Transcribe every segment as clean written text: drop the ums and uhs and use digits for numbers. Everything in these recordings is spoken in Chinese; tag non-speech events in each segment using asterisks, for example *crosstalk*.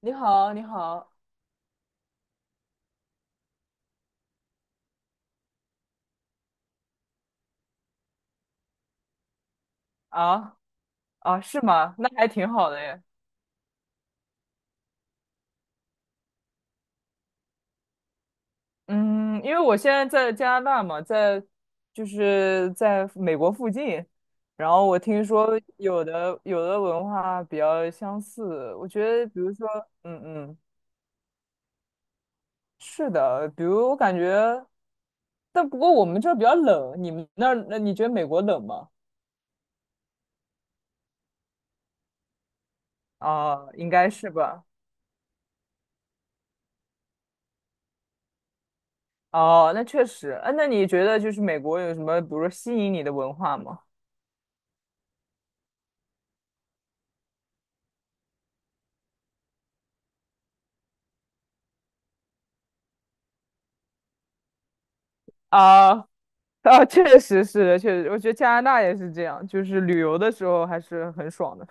你好，你好啊啊，是吗？那还挺好的耶。嗯，因为我现在在加拿大嘛，在就是在美国附近，然后我听说有的文化比较相似，我觉得比如说，嗯嗯，是的，比如我感觉，但不过我们这儿比较冷，你们那儿那你觉得美国冷吗？啊，应该是吧。哦，那确实。啊，那你觉得就是美国有什么，比如说吸引你的文化吗？啊 *laughs* 啊，确实是的，确实，我觉得加拿大也是这样，就是旅游的时候还是很爽的。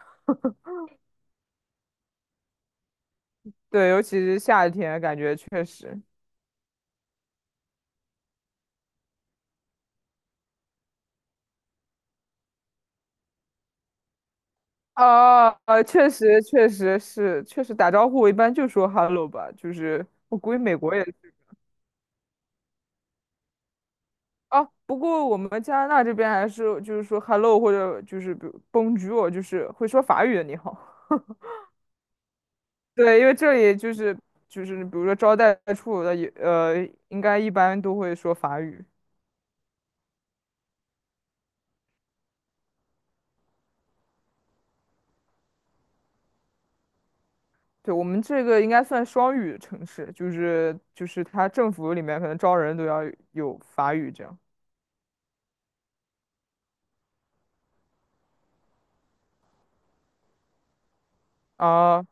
对，尤其是夏天，感觉确实，啊，确实，确实是，确实打招呼，我一般就说 hello 吧，就是我估计美国也是。啊，不过我们加拿大这边还是就是说 hello 或者就是比如 bonjour，就是会说法语的你好。*laughs* 对，因为这里就是就是比如说招待处的也应该一般都会说法语。对，我们这个应该算双语城市，就是它政府里面可能招人都要有法语这样。啊。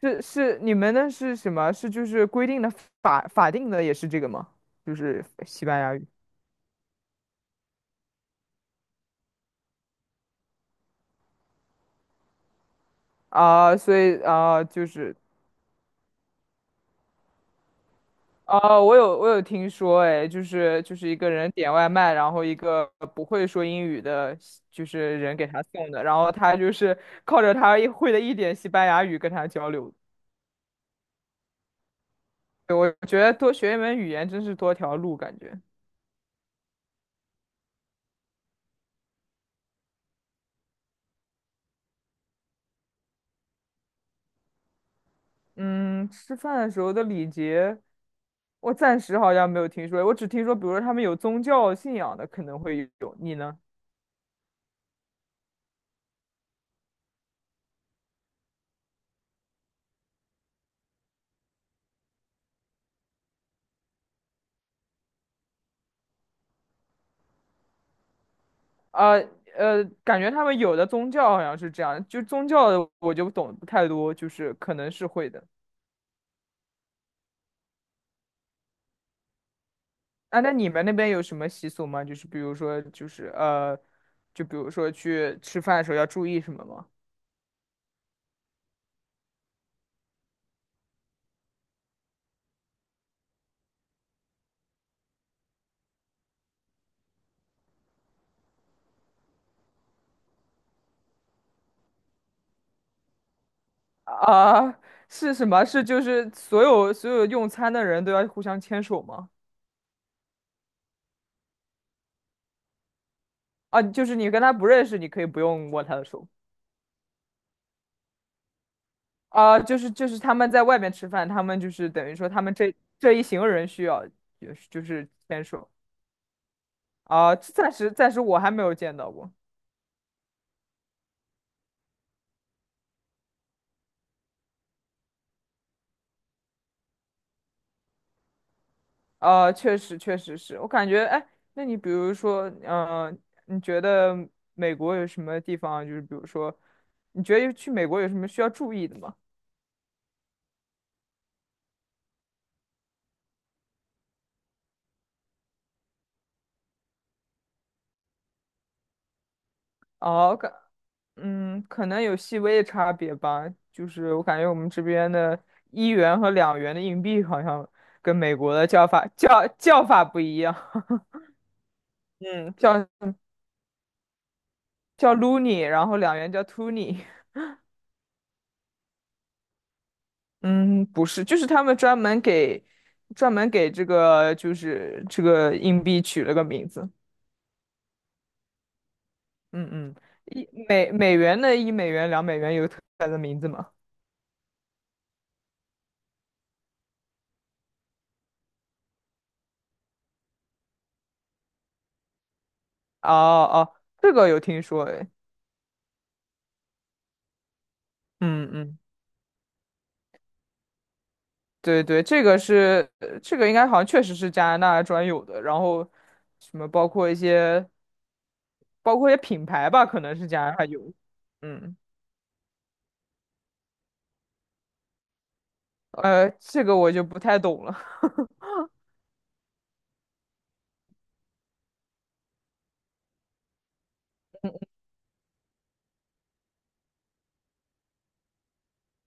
是是，你们那是什么？是就是规定的法定的也是这个吗？就是西班牙语。啊，所以啊就是啊，我有听说，哎，就是一个人点外卖，然后一个不会说英语的，就是人给他送的，然后他就是靠着他一会的一点西班牙语跟他交流。对，我觉得多学一门语言真是多条路，感觉。嗯，吃饭的时候的礼节，我暂时好像没有听说，我只听说，比如说他们有宗教信仰的可能会有，你呢？呃感觉他们有的宗教好像是这样，就宗教的我就懂不太多，就是可能是会的。啊，那你们那边有什么习俗吗？就是比如说，就比如说去吃饭的时候要注意什么吗？啊，是什么？是就是所有用餐的人都要互相牵手吗？啊，就是你跟他不认识，你可以不用握他的手。啊。就是就是他们在外面吃饭，他们就是等于说他们这一行人需要就是就是牵手。啊。暂时我还没有见到过。啊，确实是我感觉哎，那你比如说你觉得美国有什么地方就是比如说你觉得去美国有什么需要注意的吗？哦，嗯，可能有细微的差别吧，就是我感觉我们这边的1元和2元的硬币好像跟美国的叫法叫法不一样，*laughs* 嗯，叫 loonie,然后两元叫 toonie。嗯，不是，就是他们专门给这个就是这个硬币取了个名字，嗯嗯。1美元、2美元有特别的名字吗？哦哦，这个有听说诶，嗯嗯。对对，这个是这个应该好像确实是加拿大专有的，然后什么包括一些品牌吧，可能是加拿大有，嗯，呃，这个我就不太懂了。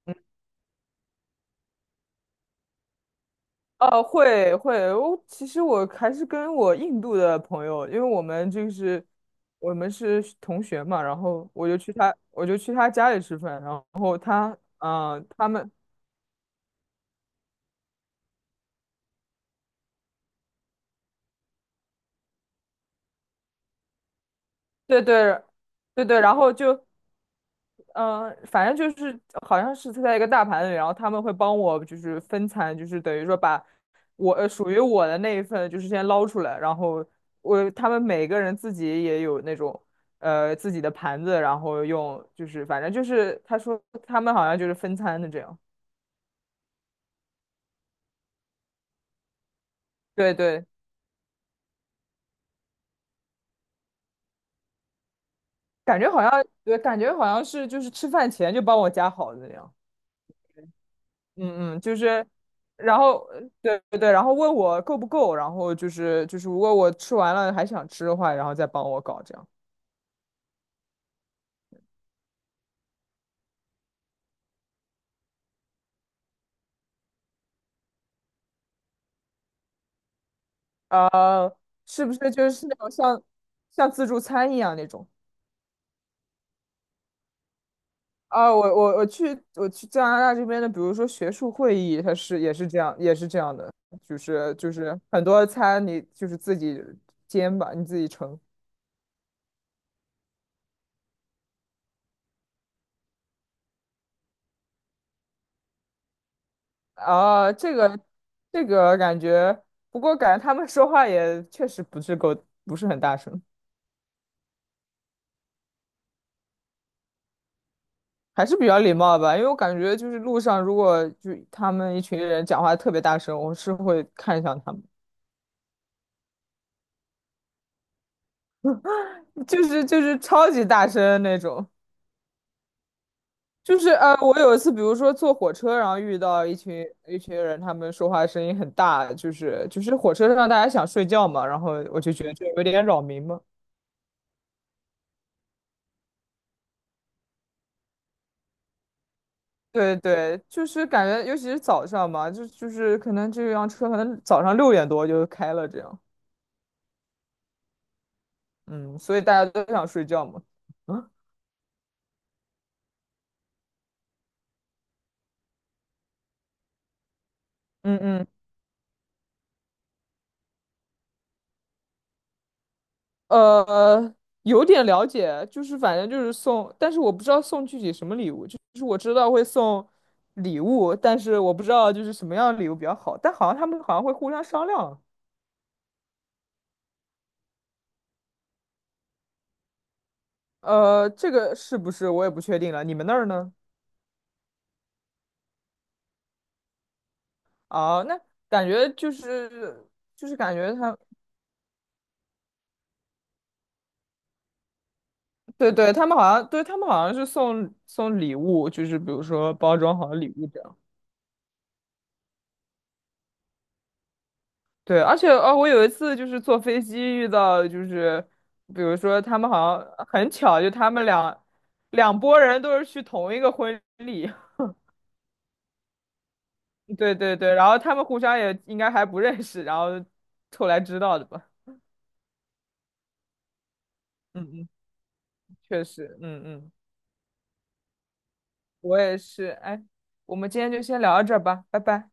*laughs* 会，我其实我还是跟我印度的朋友，因为我们就是我们是同学嘛，然后我就去他家里吃饭，然后他他们。对对对对，然后就反正就是好像是在一个大盘里，然后他们会帮我就是分餐，就是等于说把我属于我的那一份就是先捞出来，然后我他们每个人自己也有那种自己的盘子，然后用就是反正就是他说他们好像就是分餐的这样，对对，感觉好像对，感觉好像是就是吃饭前就帮我夹好的那样。嗯嗯，就是，然后对对对，然后问我够不够，然后就是就是如果我吃完了还想吃的话，然后再帮我搞这样。呃，是不是就是那种像自助餐一样那种？啊，我去加拿大这边的，比如说学术会议，它是也是这样也是这样的，就是就是很多餐你就是自己煎吧，你自己盛。啊，这个感觉，不过感觉他们说话也确实不是够，不是很大声。还是比较礼貌吧，因为我感觉就是路上如果就他们一群人讲话特别大声，我是会看向他们，就是就是超级大声那种。就是我有一次，比如说坐火车，然后遇到一群一群人，他们说话声音很大，就是就是火车上大家想睡觉嘛，然后我就觉得这有点扰民嘛。对对，就是感觉尤其是早上嘛，就就是可能这辆车可能早上6点多就开了这样，嗯，所以大家都想睡觉嘛。嗯嗯。呃，有点了解，就是反正就是送，但是我不知道送具体什么礼物，就是我知道会送礼物，但是我不知道就是什么样的礼物比较好，但好像他们好像会互相商量，这个是不是我也不确定了，你们那儿呢？啊，那感觉就是就是感觉他，对对，他们好像对他们好像是送礼物，就是比如说包装好的礼物这样。对，而且哦，我有一次就是坐飞机遇到，就是比如说他们好像很巧，就他们两拨人都是去同一个婚礼，*laughs* 对对对，然后他们互相也应该还不认识，然后后来知道的吧。嗯嗯，确实，嗯嗯，我也是。哎，我们今天就先聊到这儿吧，拜拜。